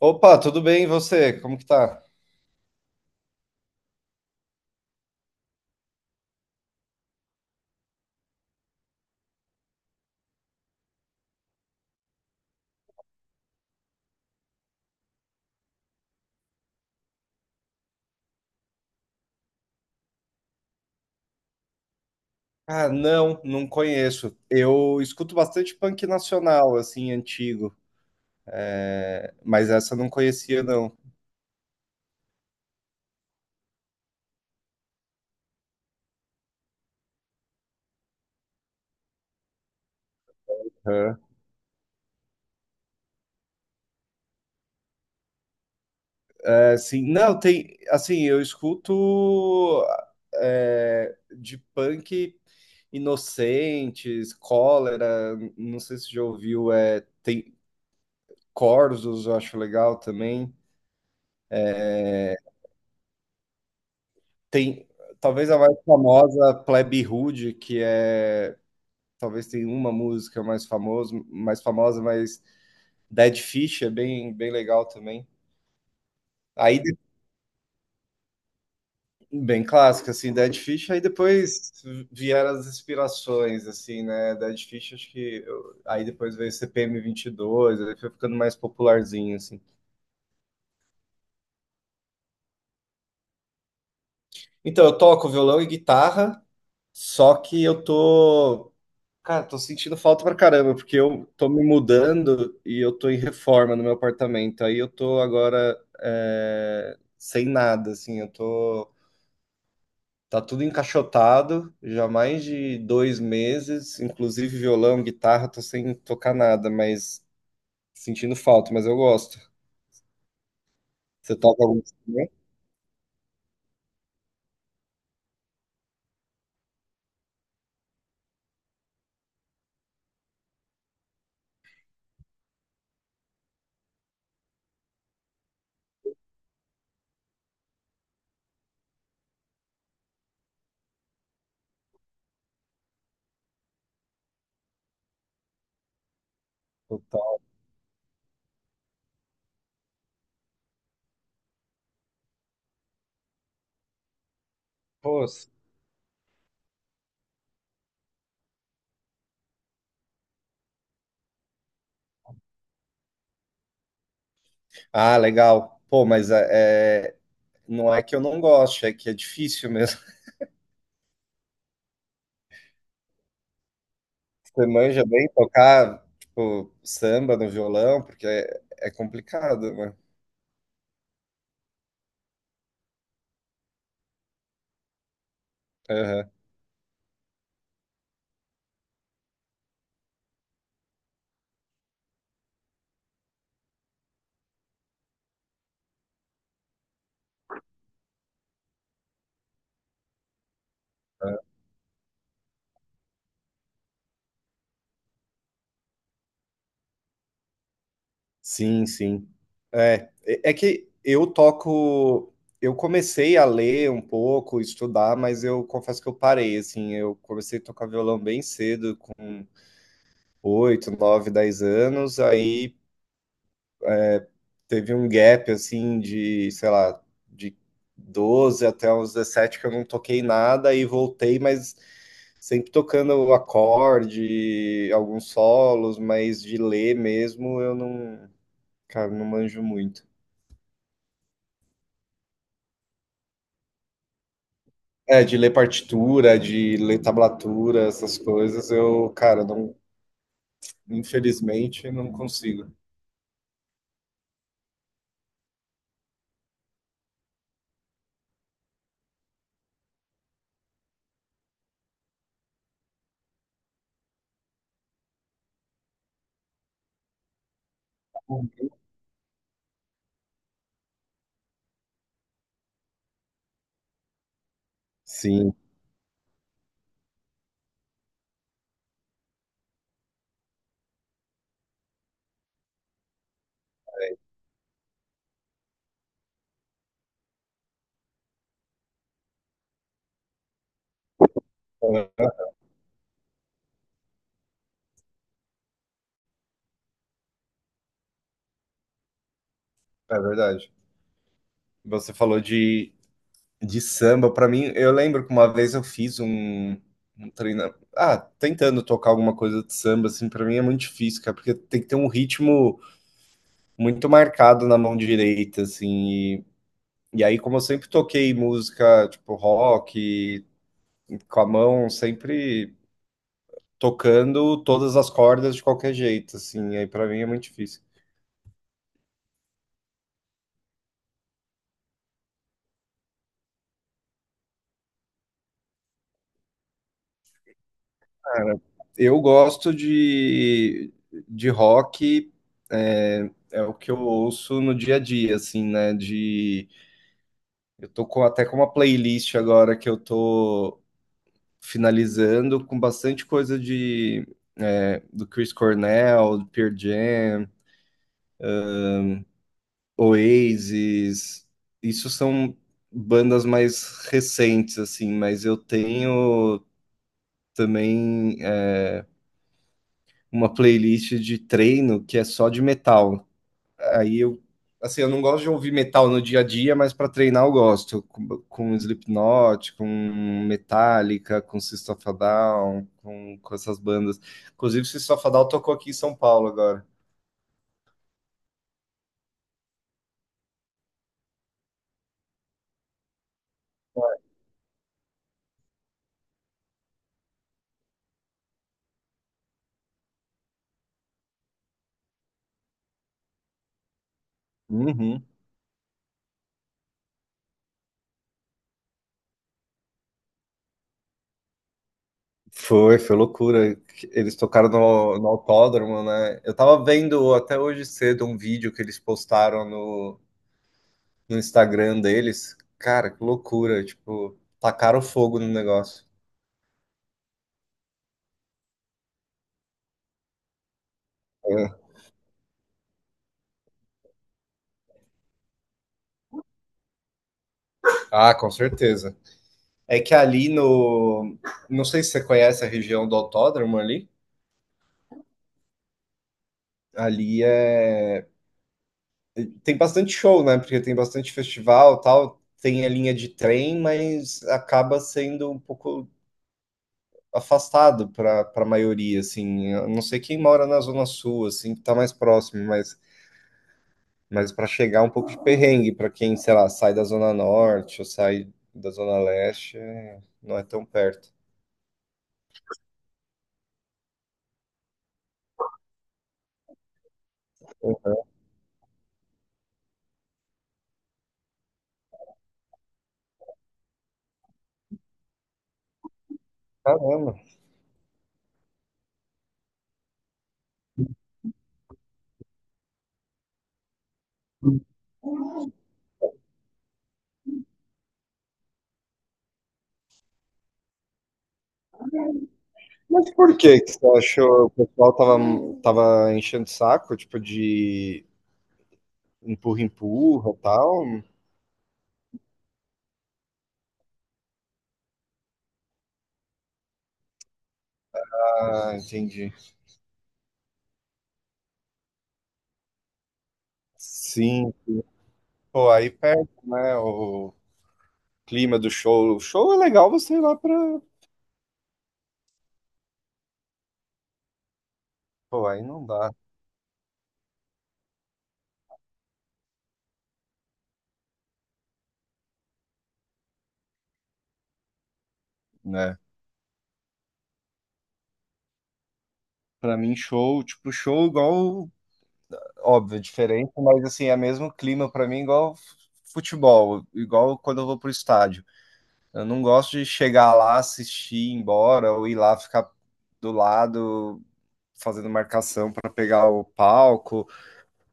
Opa, tudo bem? E você? Como que tá? Ah, não, não conheço. Eu escuto bastante punk nacional, assim, antigo, mas essa eu não conhecia, não. Aham. Assim, não, tem, assim, eu escuto de punk Inocentes, Cólera, não sei se já ouviu, tem Corsos, eu acho legal também. Tem, talvez a mais famosa, Plebe Rude, que talvez tenha uma música mais famosa, mas Dead Fish é bem, bem legal também. Aí, de- Bem clássico, assim, Dead Fish, aí depois vieram as inspirações, assim, né? Dead Fish, acho que, aí depois veio CPM 22, aí foi ficando mais popularzinho, assim. Então, eu toco violão e guitarra. Só que eu tô Cara, tô sentindo falta pra caramba, porque eu tô me mudando e eu tô em reforma no meu apartamento. Aí eu tô agora sem nada, assim, eu tô. Tá tudo encaixotado, já há mais de 2 meses, inclusive violão, guitarra, tô sem tocar nada, mas sentindo falta, mas eu gosto. Você toca algum instrumento? Eu toco. Pô. Ah, legal. Pô, mas é, não é que eu não gosto, é que é difícil mesmo. Você manja bem tocar, tipo, samba no violão? Porque é complicado, né? Aham, aham. Sim, sim. É que eu toco. Eu comecei a ler um pouco, estudar, mas eu confesso que eu parei, assim. Eu comecei a tocar violão bem cedo, com 8 9 10 anos. Aí teve um gap assim sei lá, de 12 até uns 17 que eu não toquei nada e voltei, mas sempre tocando o acorde, alguns solos, mas de ler mesmo eu não, cara, não manjo muito. É, de ler partitura, de ler tablatura, essas coisas, eu, cara, não, infelizmente não consigo. Sim, é verdade. Você falou de samba, pra mim, eu lembro que uma vez eu fiz um treino. Ah, tentando tocar alguma coisa de samba, assim, pra mim é muito difícil, cara, porque tem que ter um ritmo muito marcado na mão direita, assim. E aí, como eu sempre toquei música, tipo, rock, com a mão, sempre tocando todas as cordas de qualquer jeito, assim. Aí, pra mim, é muito difícil. Cara, eu gosto de rock, é o que eu ouço no dia a dia, assim, né? Eu tô até com uma playlist agora que eu tô finalizando com bastante coisa do Chris Cornell, do Pearl Jam, Oasis. Isso são bandas mais recentes, assim, mas eu tenho também uma playlist de treino que é só de metal. Aí, assim, eu não gosto de ouvir metal no dia a dia, mas para treinar eu gosto. Com Slipknot, com Metallica, com System of a Down, com essas bandas. Inclusive, System of a Down tocou aqui em São Paulo agora. Uhum. Foi loucura. Eles tocaram no autódromo, né? Eu tava vendo até hoje cedo um vídeo que eles postaram no Instagram deles. Cara, que loucura. Tipo, tacaram fogo no negócio. É. Ah, com certeza. É que ali no. Não sei se você conhece a região do autódromo ali. Ali é. Tem bastante show, né? Porque tem bastante festival e tal. Tem a linha de trem, mas acaba sendo um pouco afastado para a maioria, assim. Eu não sei quem mora na Zona Sul, assim, que tá mais próximo, mas para chegar é um pouco de perrengue, para quem, sei lá, sai da Zona Norte ou sai da Zona Leste, não é tão perto. Caramba! Mas por que que você achou que o pessoal tava, enchendo o saco, tipo, de empurra, empurra tal? Ah, entendi. Sim. Pô, aí perde, né, o clima do show. O show é legal você ir lá pra... Pô, aí não dá, né? Pra mim, show, tipo, show igual... Óbvio, é diferente, mas assim, é mesmo clima pra mim igual futebol, igual quando eu vou pro estádio. Eu não gosto de chegar lá, assistir, ir embora, ou ir lá ficar do lado fazendo marcação para pegar o palco.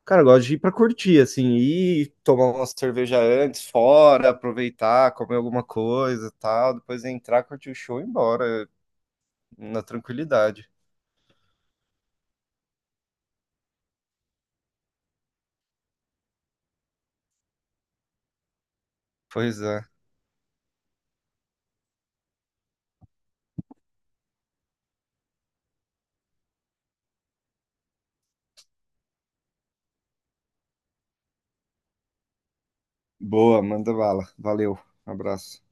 Cara, eu gosto de ir para curtir, assim, ir tomar uma cerveja antes, fora, aproveitar, comer alguma coisa, e tal, depois entrar, curtir o show e ir embora na tranquilidade. Pois é. Boa, manda bala. Valeu. Abraço.